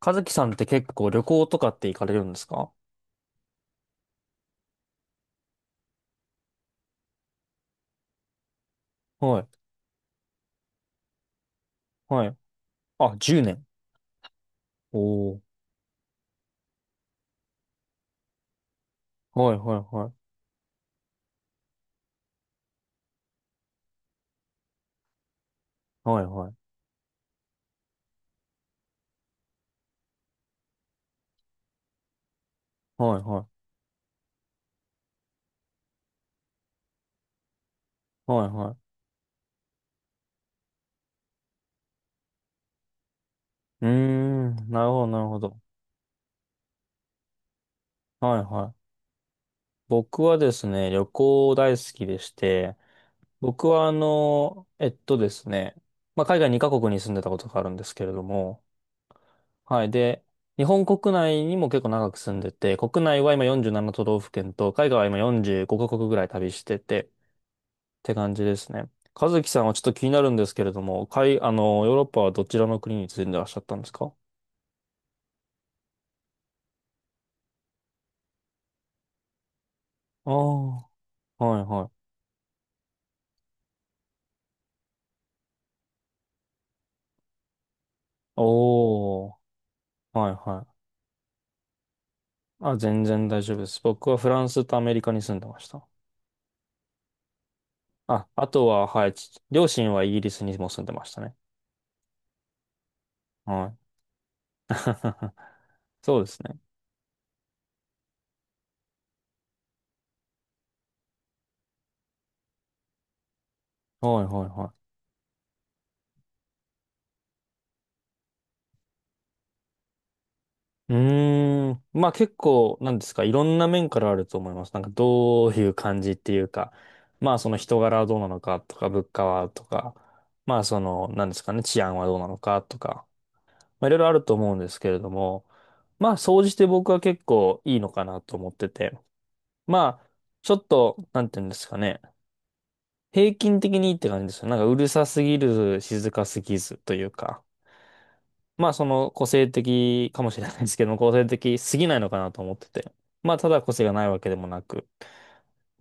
和樹さんって結構旅行とかって行かれるんですか？はい。はい。あ、10年。おー。はいはいはい。はいはい。はいはい。はいはい。うーん。なるほどなるほど。はいはい。僕はですね、旅行大好きでして、僕はあの、えっとですね、まあ、海外2カ国に住んでたことがあるんですけれども、はい。で、日本国内にも結構長く住んでて、国内は今47都道府県と、海外は今45カ国ぐらい旅してて、て感じですね。和樹さんはちょっと気になるんですけれども、海、あの、ヨーロッパはどちらの国に住んでらっしゃったんですか？ああ、はいはい。おー、はいはい。あ、全然大丈夫です。僕はフランスとアメリカに住んでました。あ、あとは、はい、両親はイギリスにも住んでましたね。はい。そうですね。はいはいはい。うーん。まあ結構、なんですか、いろんな面からあると思います。なんかどういう感じっていうか、まあその人柄はどうなのかとか、物価はとか、まあその、なんですかね、治安はどうなのかとか、まあいろいろあると思うんですけれども、まあ総じて僕は結構いいのかなと思ってて、まあちょっと、なんていうんですかね、平均的にいいって感じですよ。なんかうるさすぎる、静かすぎずというか。まあその個性的かもしれないですけど個性的すぎないのかなと思ってて。まあただ個性がないわけでもなくっ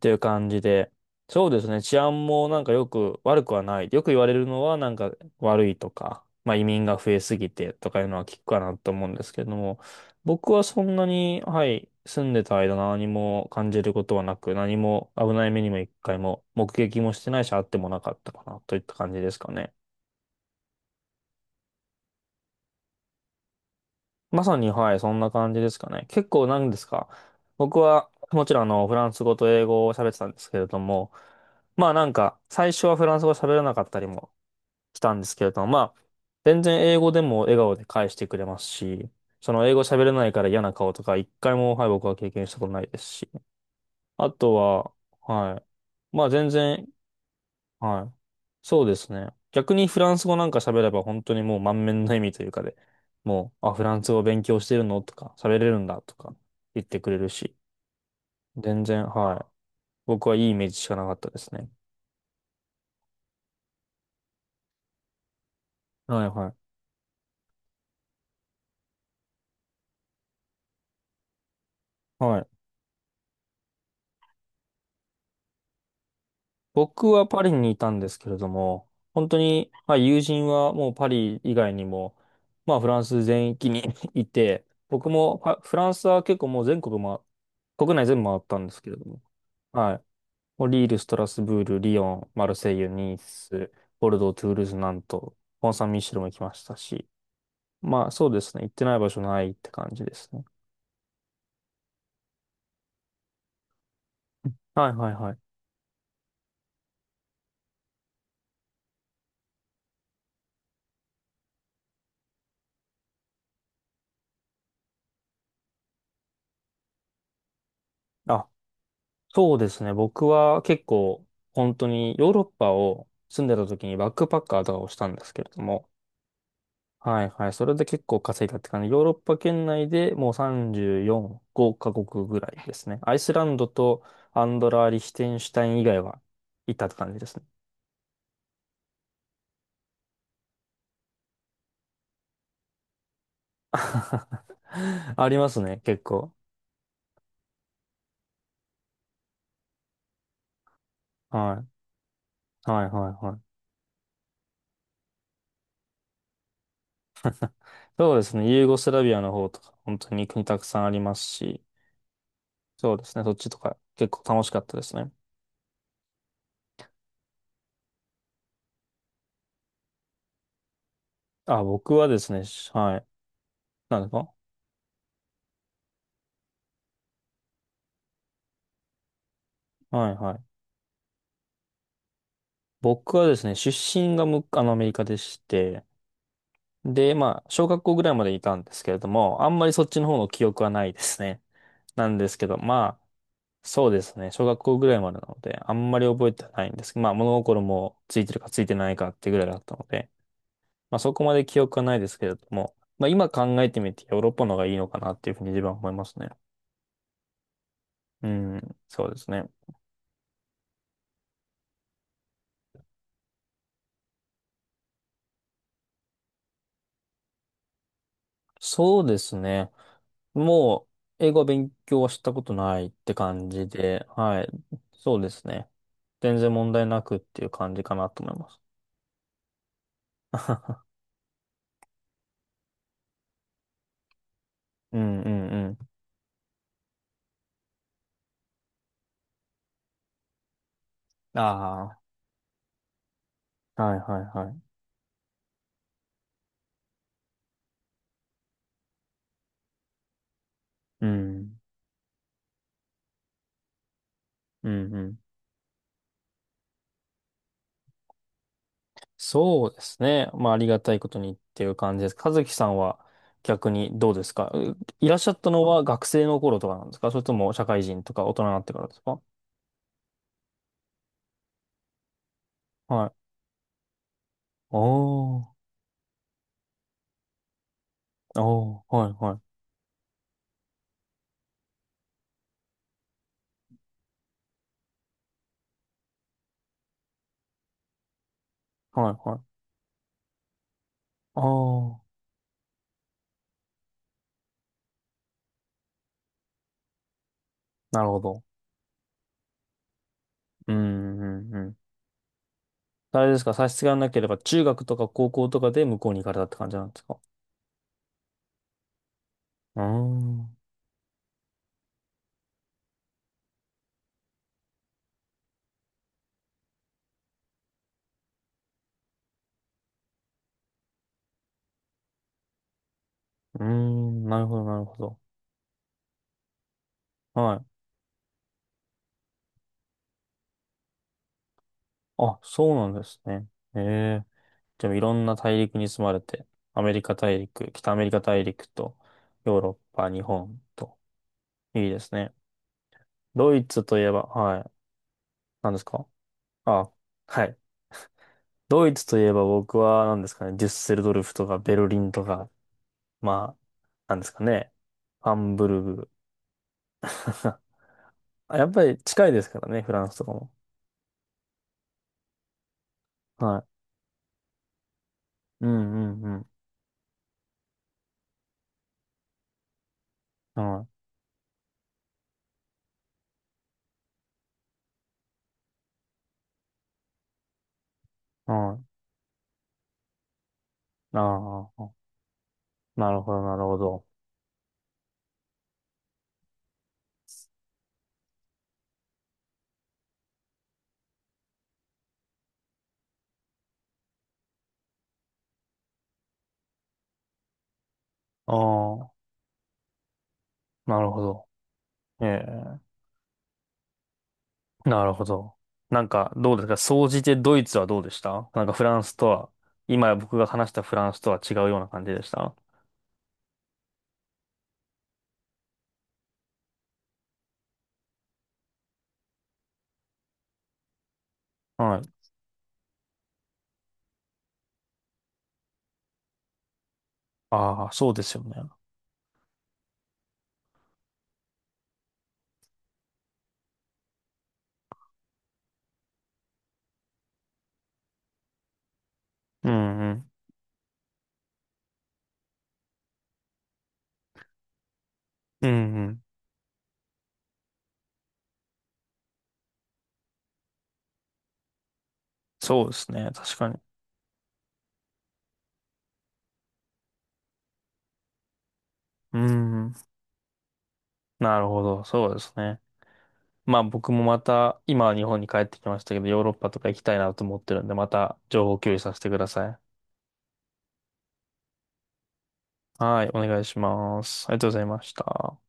ていう感じで。そうですね。治安もなんかよく悪くはない。よく言われるのはなんか悪いとか、まあ移民が増えすぎてとかいうのは聞くかなと思うんですけれども、僕はそんなに、はい、住んでた間何も感じることはなく、何も危ない目にも一回も目撃もしてないし、あってもなかったかなといった感じですかね。まさに、はい、そんな感じですかね。結構なんですか。僕は、もちろん、フランス語と英語を喋ってたんですけれども、まあなんか、最初はフランス語喋れなかったりもしたんですけれども、まあ、全然英語でも笑顔で返してくれますし、その英語喋れないから嫌な顔とか、一回も、はい、僕は経験したことないですし、あとは、はい、まあ全然はい。そうですね。逆にフランス語なんか喋れば本当にもう満面の笑みというかで、もう、あ、フランス語勉強してるのとか、喋れるんだとか言ってくれるし、全然、はい。僕はいいイメージしかなかったですね。はいはい。はい。僕はパリにいたんですけれども、本当に、まあ友人はもうパリ以外にも、まあフランス全域に いて、僕もフランスは結構もう全国、ま、国内全部回ったんですけれども、はい。もうリール、ストラスブール、リヨン、マルセイユ、ニース、ボルドー、トゥールーズ、ナント、コンサンミッシェルも行きましたし、まあそうですね、行ってない場所ないって感じですね。はいはいはい。あ、そうですね、僕は結構本当にヨーロッパを住んでた時にバックパッカーとかをしたんですけれども、はいはい、それで結構稼いだって感じ。ヨーロッパ圏内でもう34、5カ国ぐらいですね。アイスランドとアンドラ・リヒテンシュタイン以外はいたって感じですね。ありますね、結構。はい。はい、はい、はい。そうですね、ユーゴスラビアの方とか、本当に国たくさんありますし、そうですね、そっちとか結構楽しかったですね。あ、僕はですね、はい。なんですか？はい、はい。僕はですね、出身がむ、あの、アメリカでして、で、まあ、小学校ぐらいまでいたんですけれども、あんまりそっちの方の記憶はないですね。なんですけど、まあ、そうですね。小学校ぐらいまでなので、あんまり覚えてないんですけど、まあ物心もついてるかついてないかってぐらいだったので、まあそこまで記憶はないですけれども、まあ今考えてみてヨーロッパの方がいいのかなっていうふうに自分は思いますね。うん、そうですね。そうですね。もう英語は勉強はしたことないって感じで、はい。そうですね。全然問題なくっていう感じかなと思います。うんうんうん。ああ、はいはいはい。うん、うんうん。そうですね。まあ、ありがたいことにっていう感じです。和樹さんは逆にどうですか？いらっしゃったのは学生の頃とかなんですか？それとも社会人とか大人になってからですか？はい。おー、おー、はい、はい、はい、はい。おー、なるほど。うん、うん、うん。あれですか？差し支えなければ中学とか高校とかで向こうに行かれたって感じなんですか？うーん、うーん、なるほど、なるほど。はい。あ、そうなんですね。ええ、でもいろんな大陸に住まれて、アメリカ大陸、北アメリカ大陸と、ヨーロッパ、日本と、いいですね。ドイツといえば、はい、何ですか？あ、はい。ドイツといえば僕は何ですかね、デュッセルドルフとかベルリンとか、まあ、何ですかね、ハンブルグ。あ、やっぱり近いですからね、フランスとかも。はい。うんうんうん。はい。はい。ああ、なるほど、なるほど。ああ、なるほど。ええ、なるほど。なんか、どうですか？総じてドイツはどうでした？なんかフランスとは、今僕が話したフランスとは違うような感じでした？はい。ああ、そうですよね。うんうん。うんうん。そうですね。確かに。うんうん。なるほど。そうですね。まあ僕もまた、今は日本に帰ってきましたけど、ヨーロッパとか行きたいなと思ってるんで、また情報共有させてください。はい。お願いします。ありがとうございました。